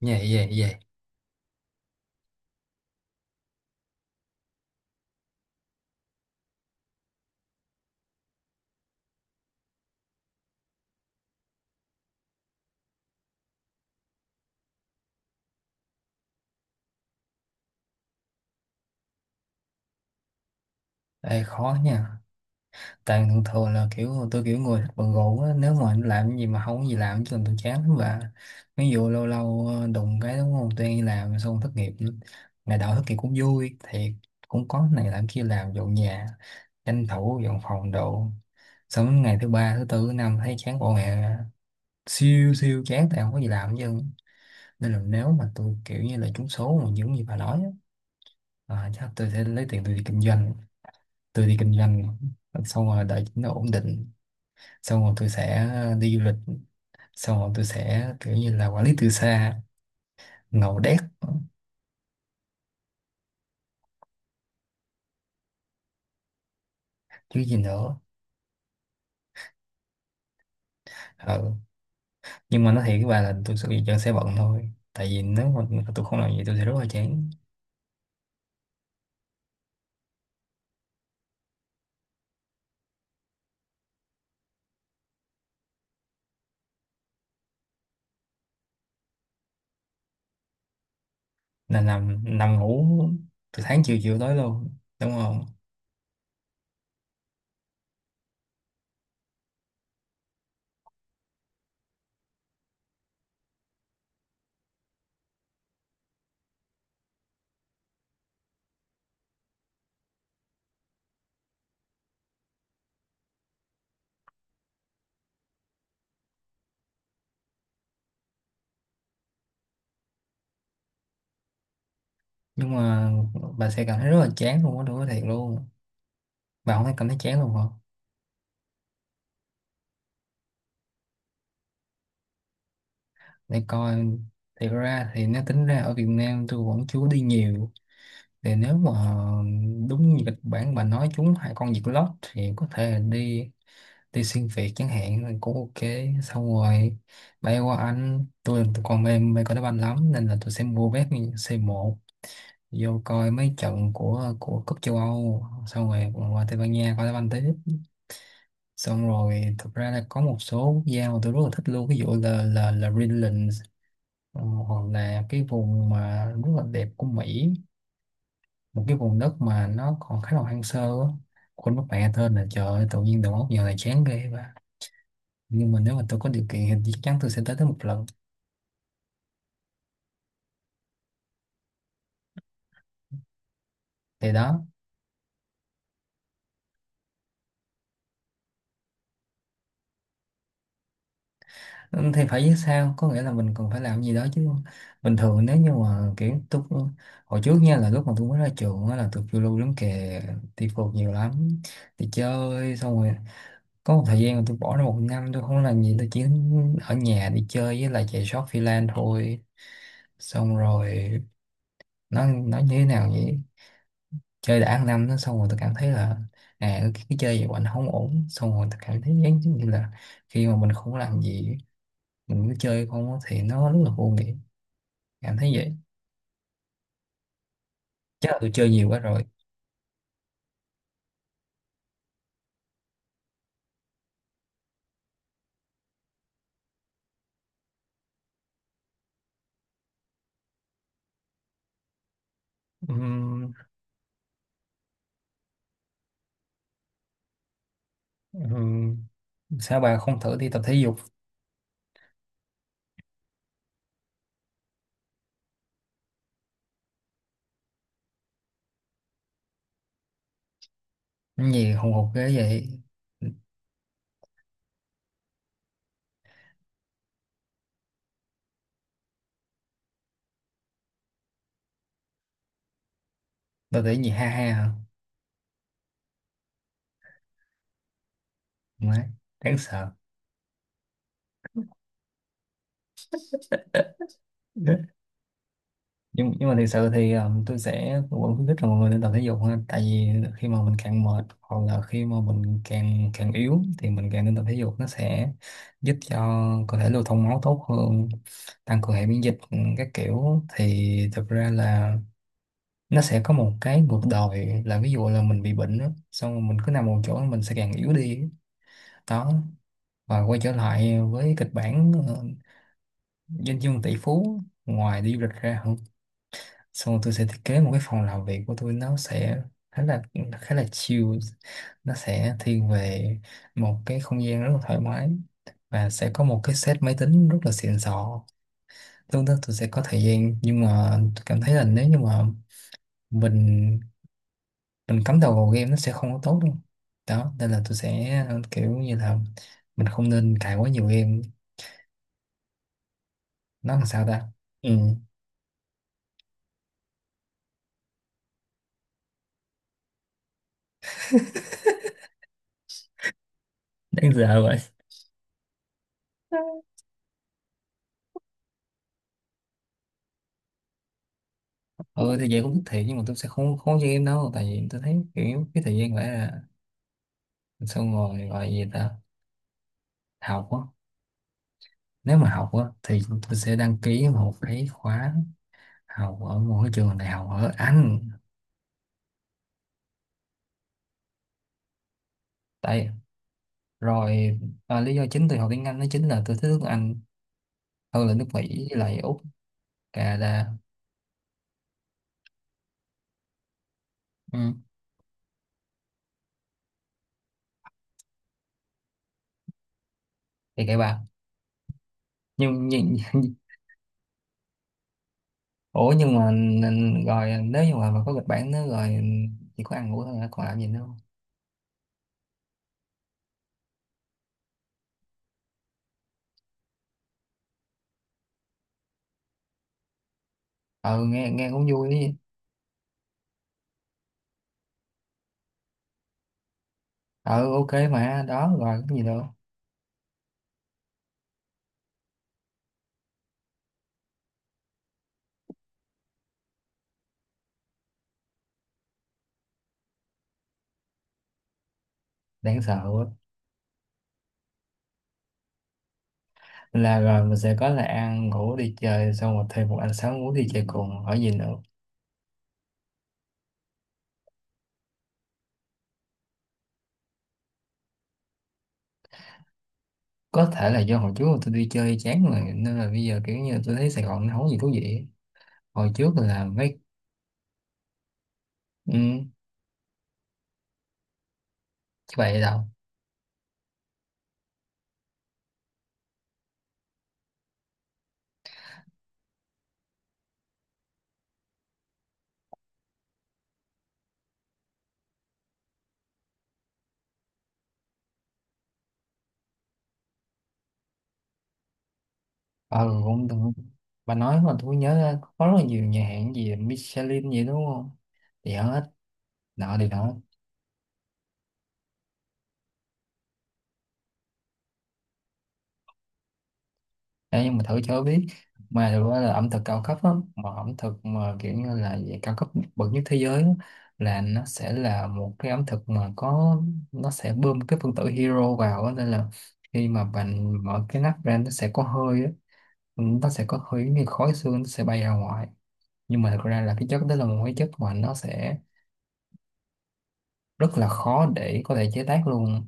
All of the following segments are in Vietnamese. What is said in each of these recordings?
Vậy vậy vậy Ê, khó nha. Tại thường thường là kiểu tôi kiểu người thích bận rộn á. Nếu mà anh làm cái gì mà không có gì làm chứ tôi chán lắm bà. Ví dụ lâu lâu đụng cái đúng không. Tôi đi làm xong thất nghiệp nữa. Ngày đầu thất nghiệp cũng vui. Thiệt cũng có này làm kia làm dọn nhà. Tranh thủ dọn phòng đồ. Xong đến ngày thứ ba thứ tư thứ năm thấy chán bộ mẹ. Siêu siêu chán tại không có gì làm hết chứ. Nên là nếu mà tôi kiểu như là trúng số mà những gì bà nói á, chắc tôi sẽ lấy tiền tôi đi kinh doanh, tôi đi kinh doanh xong rồi đợi nó ổn định, xong rồi tôi sẽ đi du lịch, xong rồi tôi sẽ kiểu như là quản lý từ xa. Ngầu đét. Chứ gì nữa. Ừ. Nhưng mà nói thiệt với bà là tôi sẽ bị chân sẽ bận thôi, tại vì nếu mà tôi không làm gì tôi sẽ rất là chán. Nên nằm nằm ngủ từ sáng chiều chiều tối luôn đúng không. Nhưng mà bà sẽ cảm thấy rất là chán luôn á, tôi nói thiệt luôn. Bà không thấy cảm thấy chán luôn không. Để coi, thì ra thì nó tính ra ở Việt Nam tôi vẫn chưa có đi nhiều. Thì nếu mà đúng như kịch bản bà nói chúng hai con diệt lót thì có thể là đi, đi xuyên Việt chẳng hạn là cũng ok. Xong rồi bay qua Anh, tôi còn mê mê coi đá banh lắm, nên là tôi sẽ mua vé C1 vô coi mấy trận của cúp châu Âu, xong rồi còn qua Tây Ban Nha coi đá banh tiếp. Xong rồi thực ra là có một số quốc gia mà tôi rất là thích luôn, ví dụ là Greenland, hoặc là cái vùng mà rất là đẹp của Mỹ, một cái vùng đất mà nó còn khá là hoang sơ á. Quên mất mẹ tên là, trời ơi, tự nhiên đầu óc giờ này chán ghê quá. Nhưng mà nếu mà tôi có điều kiện thì chắc chắn tôi sẽ tới tới một lần. Thì đó. Ừ, thì phải chứ sao, có nghĩa là mình còn phải làm gì đó chứ. Bình thường nếu như mà kiểu tôi hồi trước nha, là lúc mà tôi mới ra trường á là tôi phiêu lưu lắm kìa. Đi phượt nhiều lắm. Đi chơi xong rồi có một thời gian mà tôi bỏ ra một năm tôi không làm gì, tôi chỉ ở nhà đi chơi với lại chạy short freelance thôi. Xong rồi nó như thế nào vậy. Chơi đã ăn năm nó xong rồi tôi cảm thấy là, à cái chơi vậy của anh không ổn. Xong rồi tôi cảm thấy giống như là khi mà mình không làm gì, mình cứ chơi không á thì nó rất là vô nghĩa. Cảm thấy vậy. Chắc là tôi chơi nhiều quá rồi. Ừm. ừm, sao bà không thử đi tập thể dục. Cái gì hùng hục ghê vậy. Tập thể gì ha ha hả. Má, đáng sợ. Nhưng mà thực sự thì tôi sẽ vẫn khuyến khích là mọi người nên tập thể dục ha, tại vì khi mà mình càng mệt hoặc là khi mà mình càng càng yếu thì mình càng nên tập thể dục, nó sẽ giúp cho cơ thể lưu thông máu tốt hơn, tăng cường hệ miễn dịch, ừ, các kiểu. Thì thực ra là nó sẽ có một cái ngược đòi, là ví dụ là mình bị bệnh đó, xong rồi mình cứ nằm một chỗ mình sẽ càng yếu đi. Đó, và quay trở lại với kịch bản doanh nhân tỷ phú, ngoài đi du lịch ra. Ừ. Xong tôi sẽ thiết kế một cái phòng làm việc của tôi, nó sẽ khá là chill, nó sẽ thiên về một cái không gian rất là thoải mái, và sẽ có một cái set máy tính rất là xịn sò. Lúc đó tôi sẽ có thời gian, nhưng mà tôi cảm thấy là nếu như mà mình mình cắm đầu vào game nó sẽ không có tốt đâu. Đó nên là tôi sẽ kiểu như là mình không nên cài quá nhiều game. Nó làm sao ta. Ừ. Đáng sợ vậy. Ừ thì vậy cũng thích thiệt, nhưng mà tôi sẽ không không chơi game đâu, tại vì tôi thấy kiểu cái thời gian vậy là, xong rồi gọi gì ta, học á. Nếu mà học á thì tôi sẽ đăng ký một cái khóa học ở một cái trường đại học ở Anh. Tại, rồi lý do chính tôi học tiếng Anh đó chính là tôi thích nước Anh hơn là nước Mỹ với lại Úc, Canada. Ừ. Thì kệ bà. Nhưng ủa nhưng mà rồi nếu như mà có kịch bản nữa rồi. Chỉ có ăn ngủ thôi hả? Còn làm gì nữa không. Ừ, nghe nghe cũng vui đi. Ừ ok mà đó rồi cái gì đâu. Đáng sợ. Là rồi mình sẽ có là ăn ngủ đi chơi xong rồi thêm một anh sáu muốn đi chơi cùng, hỏi gì nữa. Có thể là do hồi trước tôi đi chơi chán rồi nên là bây giờ kiểu như tôi thấy Sài Gòn nó không có gì thú vị ấy. Hồi trước là mấy. Ừ, chứ vậy đâu. Ờ cũng đúng. Bà nói mà tôi nhớ ra có rất là nhiều nhà hàng gì Michelin vậy đúng không. Thì hết nọ thì đó. Đấy, nhưng mà thử cho biết. Mà thực ra là ẩm thực cao cấp á, mà ẩm thực mà kiểu như là về cao cấp bậc nhất thế giới á, là nó sẽ là một cái ẩm thực mà có, nó sẽ bơm cái phân tử hero vào á, nên là khi mà bạn mở cái nắp ra nó sẽ có hơi á, nó sẽ có hơi như khói xương, nó sẽ bay ra ngoài. Nhưng mà thực ra là cái chất đó là một cái chất mà nó sẽ rất là khó để có thể chế tác luôn.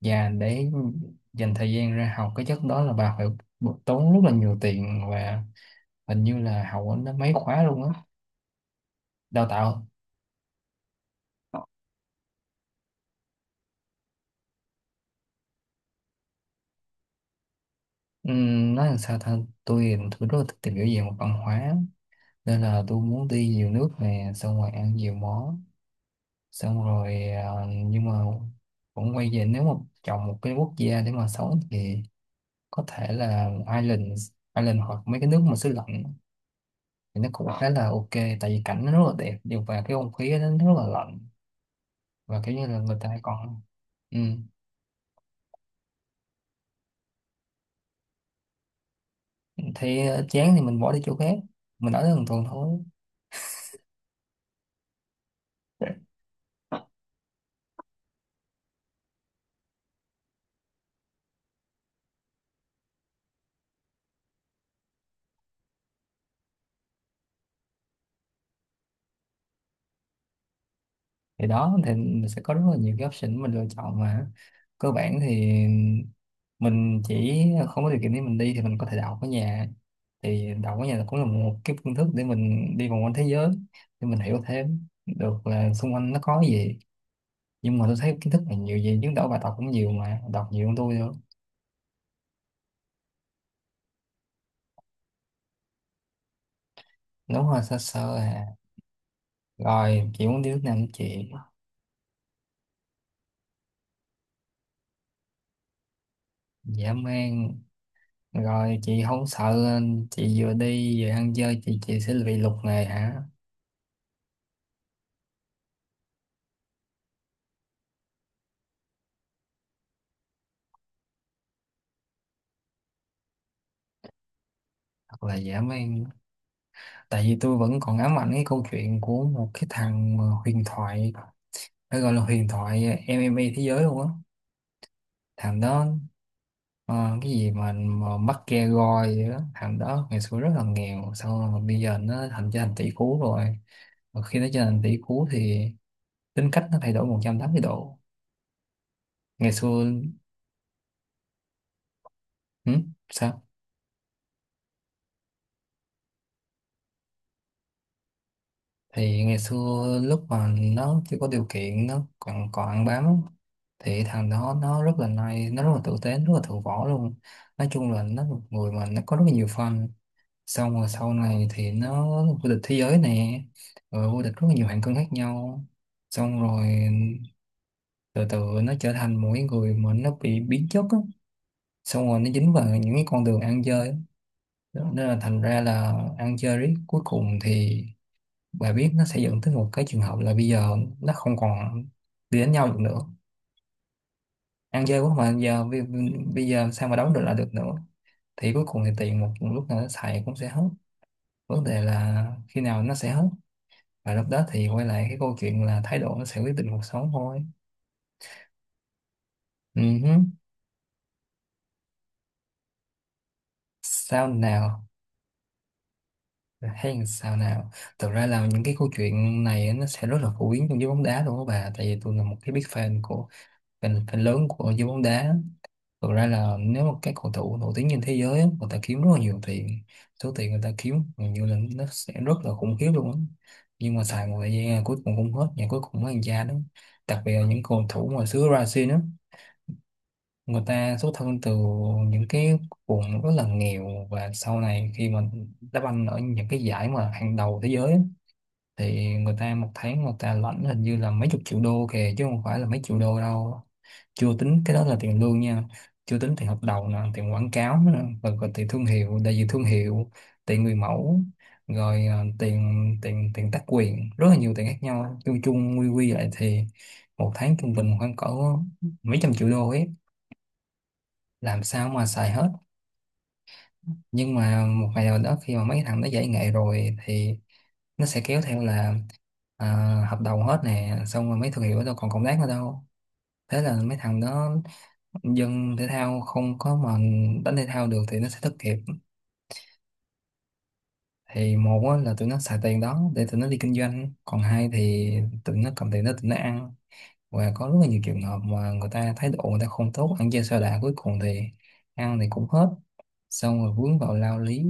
Và để dành thời gian ra học cái chất đó là bà phải tốn rất là nhiều tiền, và hình như là học ở nó mấy khóa luôn á, đào tạo. Nói làm sao ta. Tôi rất là thích tìm hiểu về một văn hóa, nên là tôi muốn đi nhiều nước nè, xong rồi ăn nhiều món, xong rồi à. Nhưng mà cũng quay về, nếu mà chọn một cái quốc gia để mà sống thì có thể là Ireland, hoặc mấy cái nước mà xứ lạnh thì nó cũng khá là ok, tại vì cảnh nó rất là đẹp điều, và cái không khí nó rất là lạnh, và kiểu như là người ta còn, ừ, thấy chán thì mình bỏ đi chỗ khác, mình ở đó một tuần thôi. Thì đó thì mình sẽ có rất là nhiều cái option mình lựa chọn mà. Cơ bản thì mình chỉ không có điều kiện để mình đi thì mình có thể đậu ở nhà. Thì đậu ở nhà là cũng là một cái phương thức để mình đi vòng quanh thế giới, để mình hiểu thêm được là xung quanh nó có gì. Nhưng mà tôi thấy kiến thức là nhiều gì chứ, đậu bài tập cũng nhiều mà đọc nhiều hơn tôi nữa. Đúng rồi sơ sơ à. Rồi chị muốn đi nước nào nữa chị. Dã man. Rồi chị không sợ chị vừa đi vừa ăn chơi chị sẽ bị lục nghề hả. Hoặc là giảm em. Tại vì tôi vẫn còn ám ảnh cái câu chuyện của một cái thằng mà huyền thoại, phải gọi là huyền thoại MMA thế giới luôn á, thằng đó ờ, cái gì mà McGregor gì đó. Thằng đó ngày xưa rất là nghèo, sau rồi bây giờ nó thành trở thành tỷ phú rồi, và khi nó trở thành tỷ phú thì tính cách nó thay đổi 180°. Ngày xưa ừ? Sao. Thì ngày xưa lúc mà nó chưa có điều kiện nó còn còn ăn bám á, thì thằng đó nó rất là nice, nó rất là tử tế, rất là thượng võ luôn. Nói chung là nó là một người mà nó có rất là nhiều fan. Xong rồi sau này thì nó vô địch thế giới nè, rồi vô địch rất là nhiều hạng cân khác nhau. Xong rồi từ từ nó trở thành một cái người mà nó bị biến chất á. Xong rồi nó dính vào những cái con đường ăn chơi á. Nên là thành ra là ăn chơi riết cuối cùng thì, bà biết nó sẽ dẫn tới một cái trường hợp là bây giờ nó không còn đi đánh nhau được nữa. Ăn chơi quá mà giờ bây giờ sao mà đấu được là được nữa. Thì cuối cùng thì tiền một lúc nào nó xài cũng sẽ hết. Vấn đề là khi nào nó sẽ hết, và lúc đó thì quay lại cái câu chuyện là thái độ nó sẽ quyết định cuộc sống thôi. Ừ hứ. Sao nào. Hay là sao nào. Thực ra là những cái câu chuyện này nó sẽ rất là phổ biến trong giới bóng đá luôn đó bà, tại vì tôi là một cái big fan của fan lớn của giới bóng đá. Thực ra là nếu mà các cầu thủ nổi tiếng trên thế giới á, người ta kiếm rất là nhiều tiền. Số tiền người ta kiếm gần như là nó sẽ rất là khủng khiếp luôn á. Nhưng mà xài một thời gian là cuối cùng không hết và cuối cùng mới ăn ra đó. Đặc biệt là những cầu thủ mà xứ Brazil đó, người ta xuất thân từ những cái vùng rất là nghèo, và sau này khi mà đá banh ở những cái giải mà hàng đầu thế giới á, thì người ta một tháng người ta lãnh hình như là mấy chục triệu đô kìa chứ không phải là mấy triệu đô đâu. Chưa tính cái đó là tiền lương nha. Chưa tính tiền hợp đồng nè, tiền quảng cáo nè, rồi còn tiền thương hiệu, đại diện thương hiệu, tiền người mẫu, rồi tiền tiền tiền tác quyền, rất là nhiều tiền khác nhau. Chung chung quy quy lại thì một tháng trung bình khoảng cỡ mấy trăm triệu đô ấy. Làm sao mà xài hết. Nhưng mà một ngày nào đó khi mà mấy thằng nó giải nghệ rồi thì nó sẽ kéo theo là, à, hợp đồng hết nè, xong rồi mấy thương hiệu đâu còn cộng tác nữa đâu. Thế là mấy thằng đó, dân thể thao không có mà đánh thể thao được thì nó sẽ thất nghiệp. Thì một á, là tụi nó xài tiền đó để tụi nó đi kinh doanh, còn hai thì tụi nó cầm tiền đó tụi nó ăn. Và có rất là nhiều trường hợp mà người ta thái độ người ta không tốt ăn chơi sa đọa, cuối cùng thì ăn thì cũng hết, xong rồi vướng vào lao lý,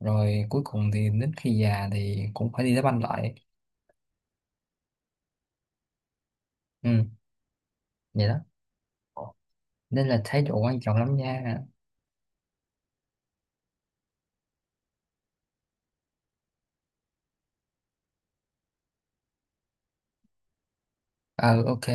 rồi cuối cùng thì đến khi già thì cũng phải đi đá banh lại. Ừ, vậy đó. Nên là thái độ quan trọng lắm nha. Ờ ok.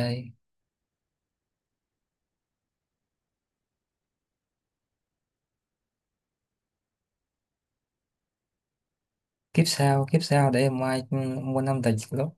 Kiếp sau để em mai, ừ, mua năm tờ giật lốt